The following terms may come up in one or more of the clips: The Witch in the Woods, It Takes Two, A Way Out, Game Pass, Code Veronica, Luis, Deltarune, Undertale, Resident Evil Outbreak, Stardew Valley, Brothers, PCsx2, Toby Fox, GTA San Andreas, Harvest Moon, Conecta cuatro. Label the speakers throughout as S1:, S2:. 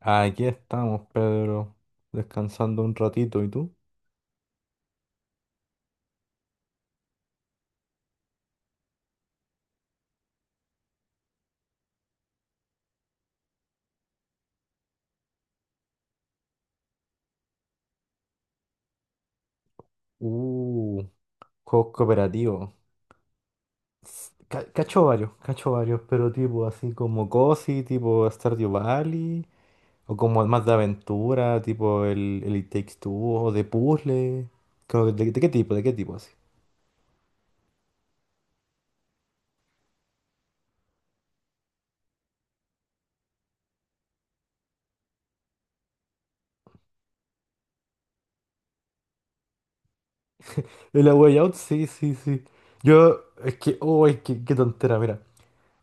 S1: Aquí estamos, Pedro, descansando un ratito. ¿Y tú? Uh, juegos cooperativos. Cacho varios, pero tipo así como COSI, tipo Stardew Valley, o como más de aventura, tipo el It Takes Two, o de puzzle. Como ¿qué tipo? ¿De qué tipo así? El A Way Out, sí, sí, sí. Yo, es que, oh, es que, qué tontera, mira.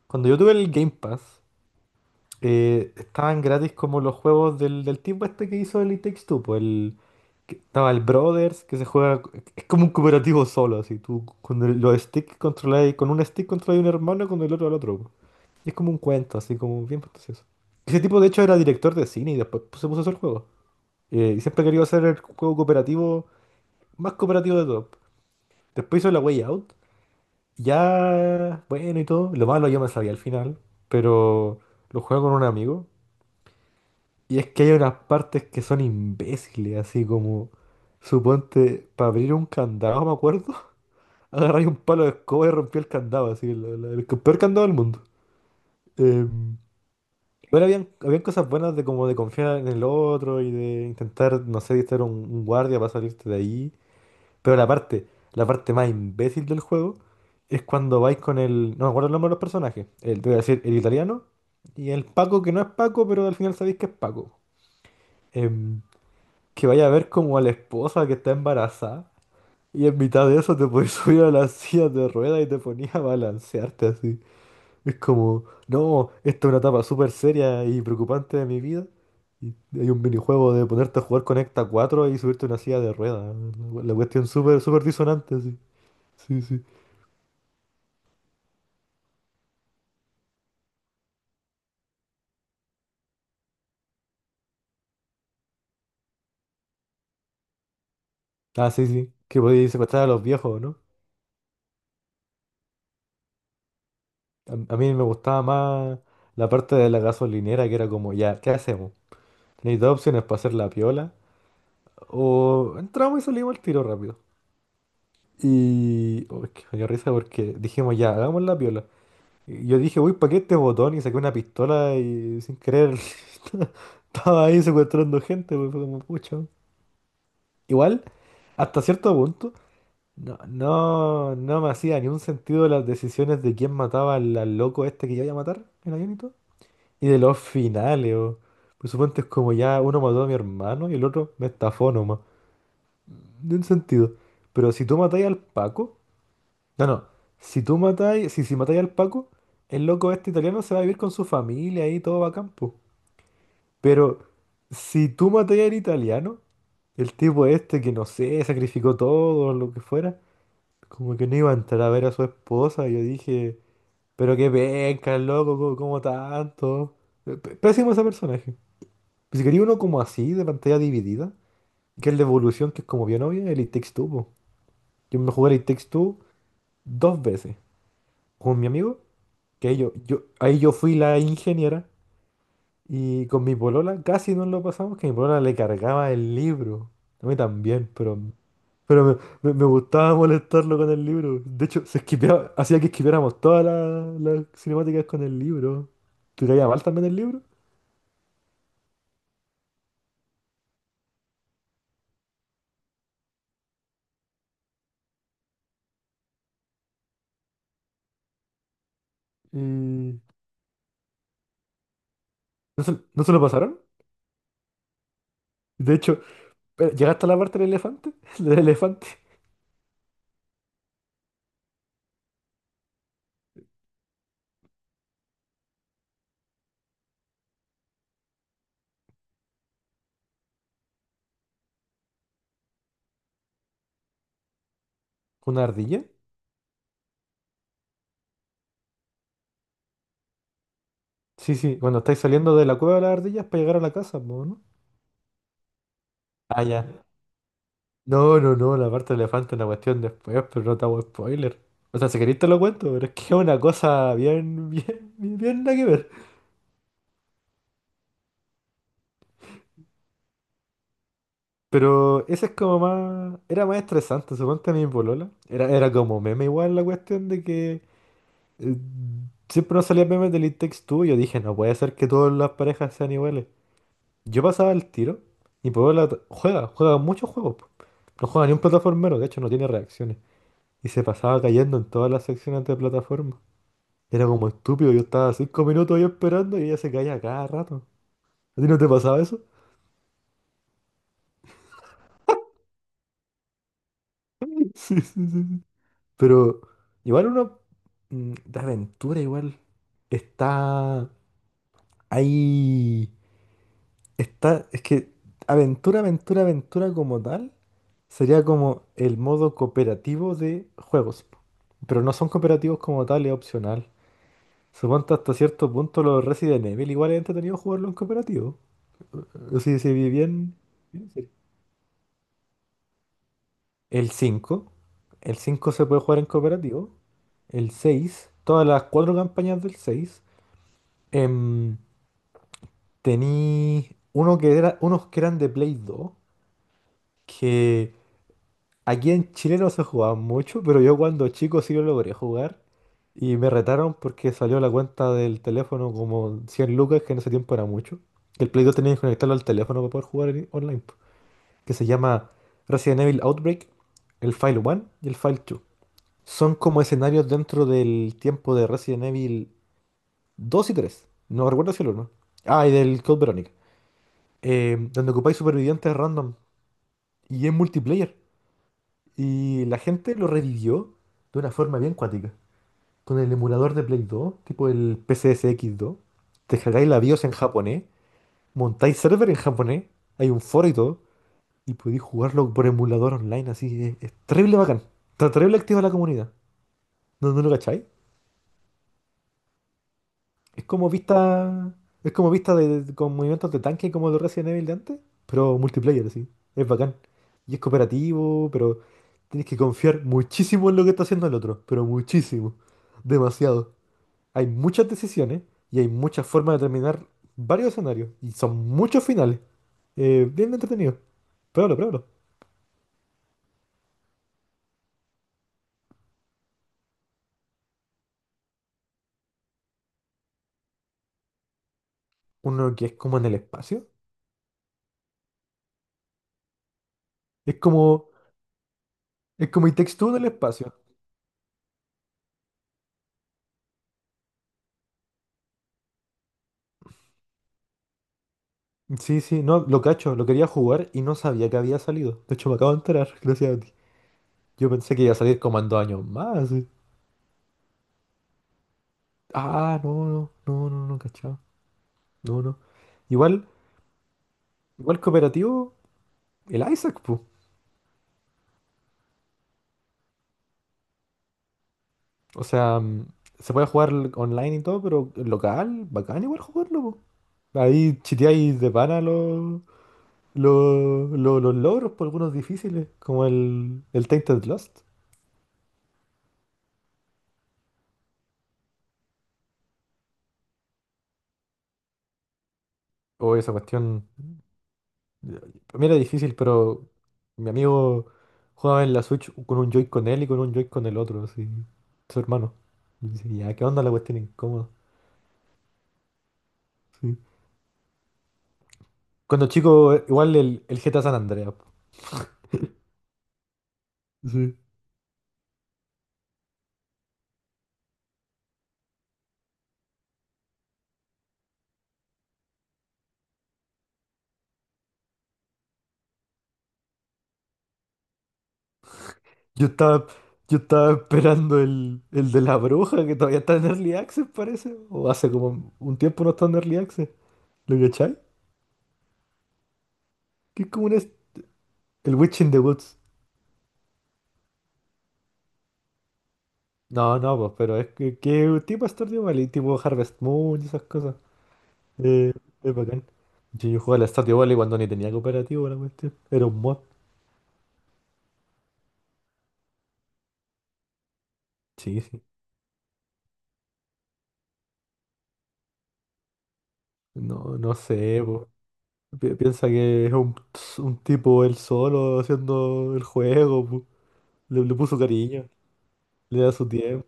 S1: Cuando yo tuve el Game Pass, estaban gratis como los juegos del tipo este que hizo el It Takes Two, pues estaba el Brothers, que se juega, es como un cooperativo solo, así, tú con los sticks controláis, con un stick controláis un hermano y con el otro al otro, po. Y es como un cuento, así como bien fantasioso. Ese tipo de hecho era director de cine y después pues, se puso a hacer juegos. Y siempre quería hacer el juego cooperativo, más cooperativo de todo. Después hizo La Way Out, ya, bueno y todo, lo malo yo me sabía al final, pero lo jugué con un amigo. Y es que hay unas partes que son imbéciles, así como, suponte, para abrir un candado, me acuerdo, agarráis un palo de escoba y rompí el candado, así, el peor candado del mundo. Em, bueno, habían cosas buenas de como de confiar en el otro y de intentar, no sé, distraer a un guardia para salirte de ahí. Pero la parte más imbécil del juego es cuando vais con el, no me acuerdo el nombre de los personajes, el, te voy a decir, el italiano y el Paco que no es Paco, pero al final sabéis que es Paco. Em, que vaya a ver como a la esposa que está embarazada y en mitad de eso te podías subir a la silla de rueda y te ponías a balancearte así. Es como, no, esta es una etapa súper seria y preocupante de mi vida. Y hay un minijuego de ponerte a jugar Conecta cuatro y subirte a una silla de rueda. La cuestión súper, súper disonante, sí. Sí, sí. Ah, sí, sí. Que podías secuestrar a los viejos, ¿no? A mí me gustaba más la parte de la gasolinera que era como, ya, ¿qué hacemos? Tenéis dos opciones para hacer la piola. O entramos y salimos al tiro rápido. Y, oh, es que me dio risa porque dijimos ya, hagamos la piola. Y yo dije, uy, ¿para qué este botón? Y saqué una pistola y sin querer estaba ahí secuestrando gente, pues, fue como pucha. Igual, hasta cierto punto, no, no, no me hacía ni un sentido las decisiones de quién mataba al loco este que yo iba a matar el avión y todo. Y de los finales, o. Por supuesto es como ya uno mató a mi hermano y el otro me estafó nomás. En sentido. Pero si tú matáis al Paco. No, no. Si tú matáis. Si matáis al Paco, el loco este italiano se va a vivir con su familia y todo va a campo. Pero si tú matáis al italiano, el tipo este que no sé, sacrificó todo, lo que fuera, como que no iba a entrar a ver a su esposa. Y yo dije, pero qué penca, el loco, como tanto. Pésimo ese personaje. Si quería uno como así, de pantalla dividida, que es la evolución, que es como bien obvia, el It Takes Two, po. Yo me jugué el It Takes Two dos veces. Con mi amigo, que ahí yo fui la ingeniera. Y con mi polola casi no lo pasamos, que mi polola le cargaba el libro. A mí también, pero me gustaba molestarlo con el libro. De hecho, se esquipeaba, hacía que esquipeáramos todas las cinemáticas con el libro. Te caía mal también el libro. Y no se lo pasaron? De hecho, pero, ¿llegaste a la parte del elefante? ¿Del elefante? ¿Una ardilla? Sí, sí, cuando estáis saliendo de la cueva de las ardillas para llegar a la casa, po, ¿no? Ah, ya. No, no, no, la parte del elefante es una cuestión después, pero no te hago spoiler. O sea, si queréis te lo cuento, pero es que es una cosa bien, bien, bien, bien nada que ver. Pero ese es como más. Era más estresante, suponte a mi polola. Era como meme igual la cuestión de que. eh, Siempre nos salían memes del It Takes Two y yo dije, no puede ser que todas las parejas sean iguales. Yo pasaba el tiro y Puebla juega, juega muchos juegos, po. No juega ni un plataformero, de hecho no tiene reacciones. Y se pasaba cayendo en todas las secciones de plataforma. Era como estúpido, yo estaba 5 minutos ahí esperando y ella se caía cada rato. ¿A ti no te pasaba eso? Sí, sí, sí. Sí. Pero igual uno, de aventura igual está ahí. Está, es que aventura, aventura, aventura como tal sería como el modo cooperativo de juegos, po. Pero no son cooperativos como tal, es opcional. Supongo hasta cierto punto los Resident Evil igual es entretenido jugarlo en cooperativo. Sí, sí, vi bien. Bien serio. El cinco. El 5 se puede jugar en cooperativo. El seis. Todas las cuatro campañas del seis. Em, Tení uno que era, unos que eran de Play 2. Que aquí en Chile no se jugaba mucho, pero yo cuando chico sí lo logré jugar y me retaron porque salió la cuenta del teléfono como 100 lucas, que en ese tiempo era mucho. El Play 2 tenía que conectarlo al teléfono para poder jugar online, po, que se llama Resident Evil Outbreak, el File 1 y el File 2. Son como escenarios dentro del tiempo de Resident Evil 2 y 3. No recuerdo si el 1. Ah, y del Code Veronica, donde ocupáis supervivientes random y es multiplayer. Y la gente lo revivió de una forma bien cuática. Con el emulador de Play 2, tipo el P C S x 2. Te cargáis la BIOS en japonés, montáis server en japonés, hay un foro y todo, y podéis jugarlo por emulador online, así. Es terrible bacán. Está terrible activa la comunidad. ¿No, no lo cacháis? Es como vista. Es como vista con movimientos de tanque como los Resident Evil de antes, pero multiplayer, así. Es bacán. Y es cooperativo, pero tienes que confiar muchísimo en lo que está haciendo el otro. Pero muchísimo. Demasiado. Hay muchas decisiones y hay muchas formas de terminar varios escenarios. Y son muchos finales. Bien entretenido. Pruébalo, pruébalo. Uno que es como en el espacio. Es como. Es como It Takes Two en el espacio. Sí, sí, no, lo cacho, lo quería jugar y no sabía que había salido. De hecho, me acabo de enterar, gracias a ti. Yo pensé que iba a salir como en 2 años más, Ah, no, no, no, no, no, cachado. No, no. Igual, igual cooperativo, el Isaac, pues. O sea, se puede jugar online y todo, pero local, bacán igual jugarlo, po. Ahí chiteáis de pana los logros, por algunos difíciles, como el Tainted Lost. O esa cuestión. Para mí era difícil, pero mi amigo jugaba en la Switch con un Joy con él y con un Joy con el otro, así. Su hermano. Y dice, ya, ¿qué onda la cuestión incómoda? Sí. Cuando chico, igual el GTA San Andreas, po. Sí. Yo estaba, yo estaba esperando el de la bruja, que todavía está en Early Access, parece. O hace como un tiempo no está en Early Access. ¿Lo cachai? Que es como un. El Witch in the Woods. No, no, pues, pero es que tipo Stardew Valley, tipo Harvest Moon y esas cosas. Eh, es bacán. Sí, yo jugaba al Stardew Valley cuando ni tenía cooperativo la cuestión. Era un mod. Sí, sí. No, no sé, po. Piensa que es un, tipo él solo haciendo el juego, po. Le puso cariño, le da su tiempo.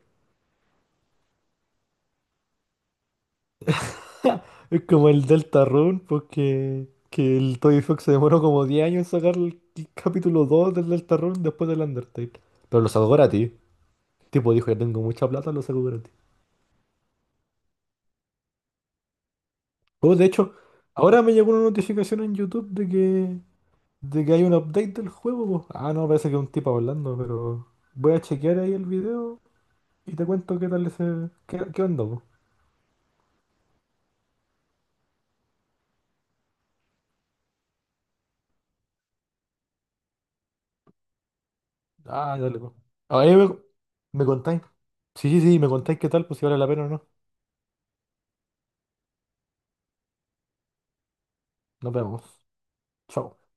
S1: Es como el Deltarune, porque que el Toby Fox se demoró como 10 años en sacar el capítulo 2 del Deltarune después del Undertale. Pero lo sacó gratis. El tipo dijo, ya tengo mucha plata, lo sacó gratis. Oh, de hecho, ahora me llegó una notificación en YouTube de que hay un update del juego, po. Ah, no, parece que es un tipo hablando, pero voy a chequear ahí el video y te cuento qué tal ese. ¿Qué, onda, po? Ah, dale, po. Ahí me contáis. Sí, sí, sí, me contáis qué tal, pues si vale la pena o no. Nos vemos. Chao.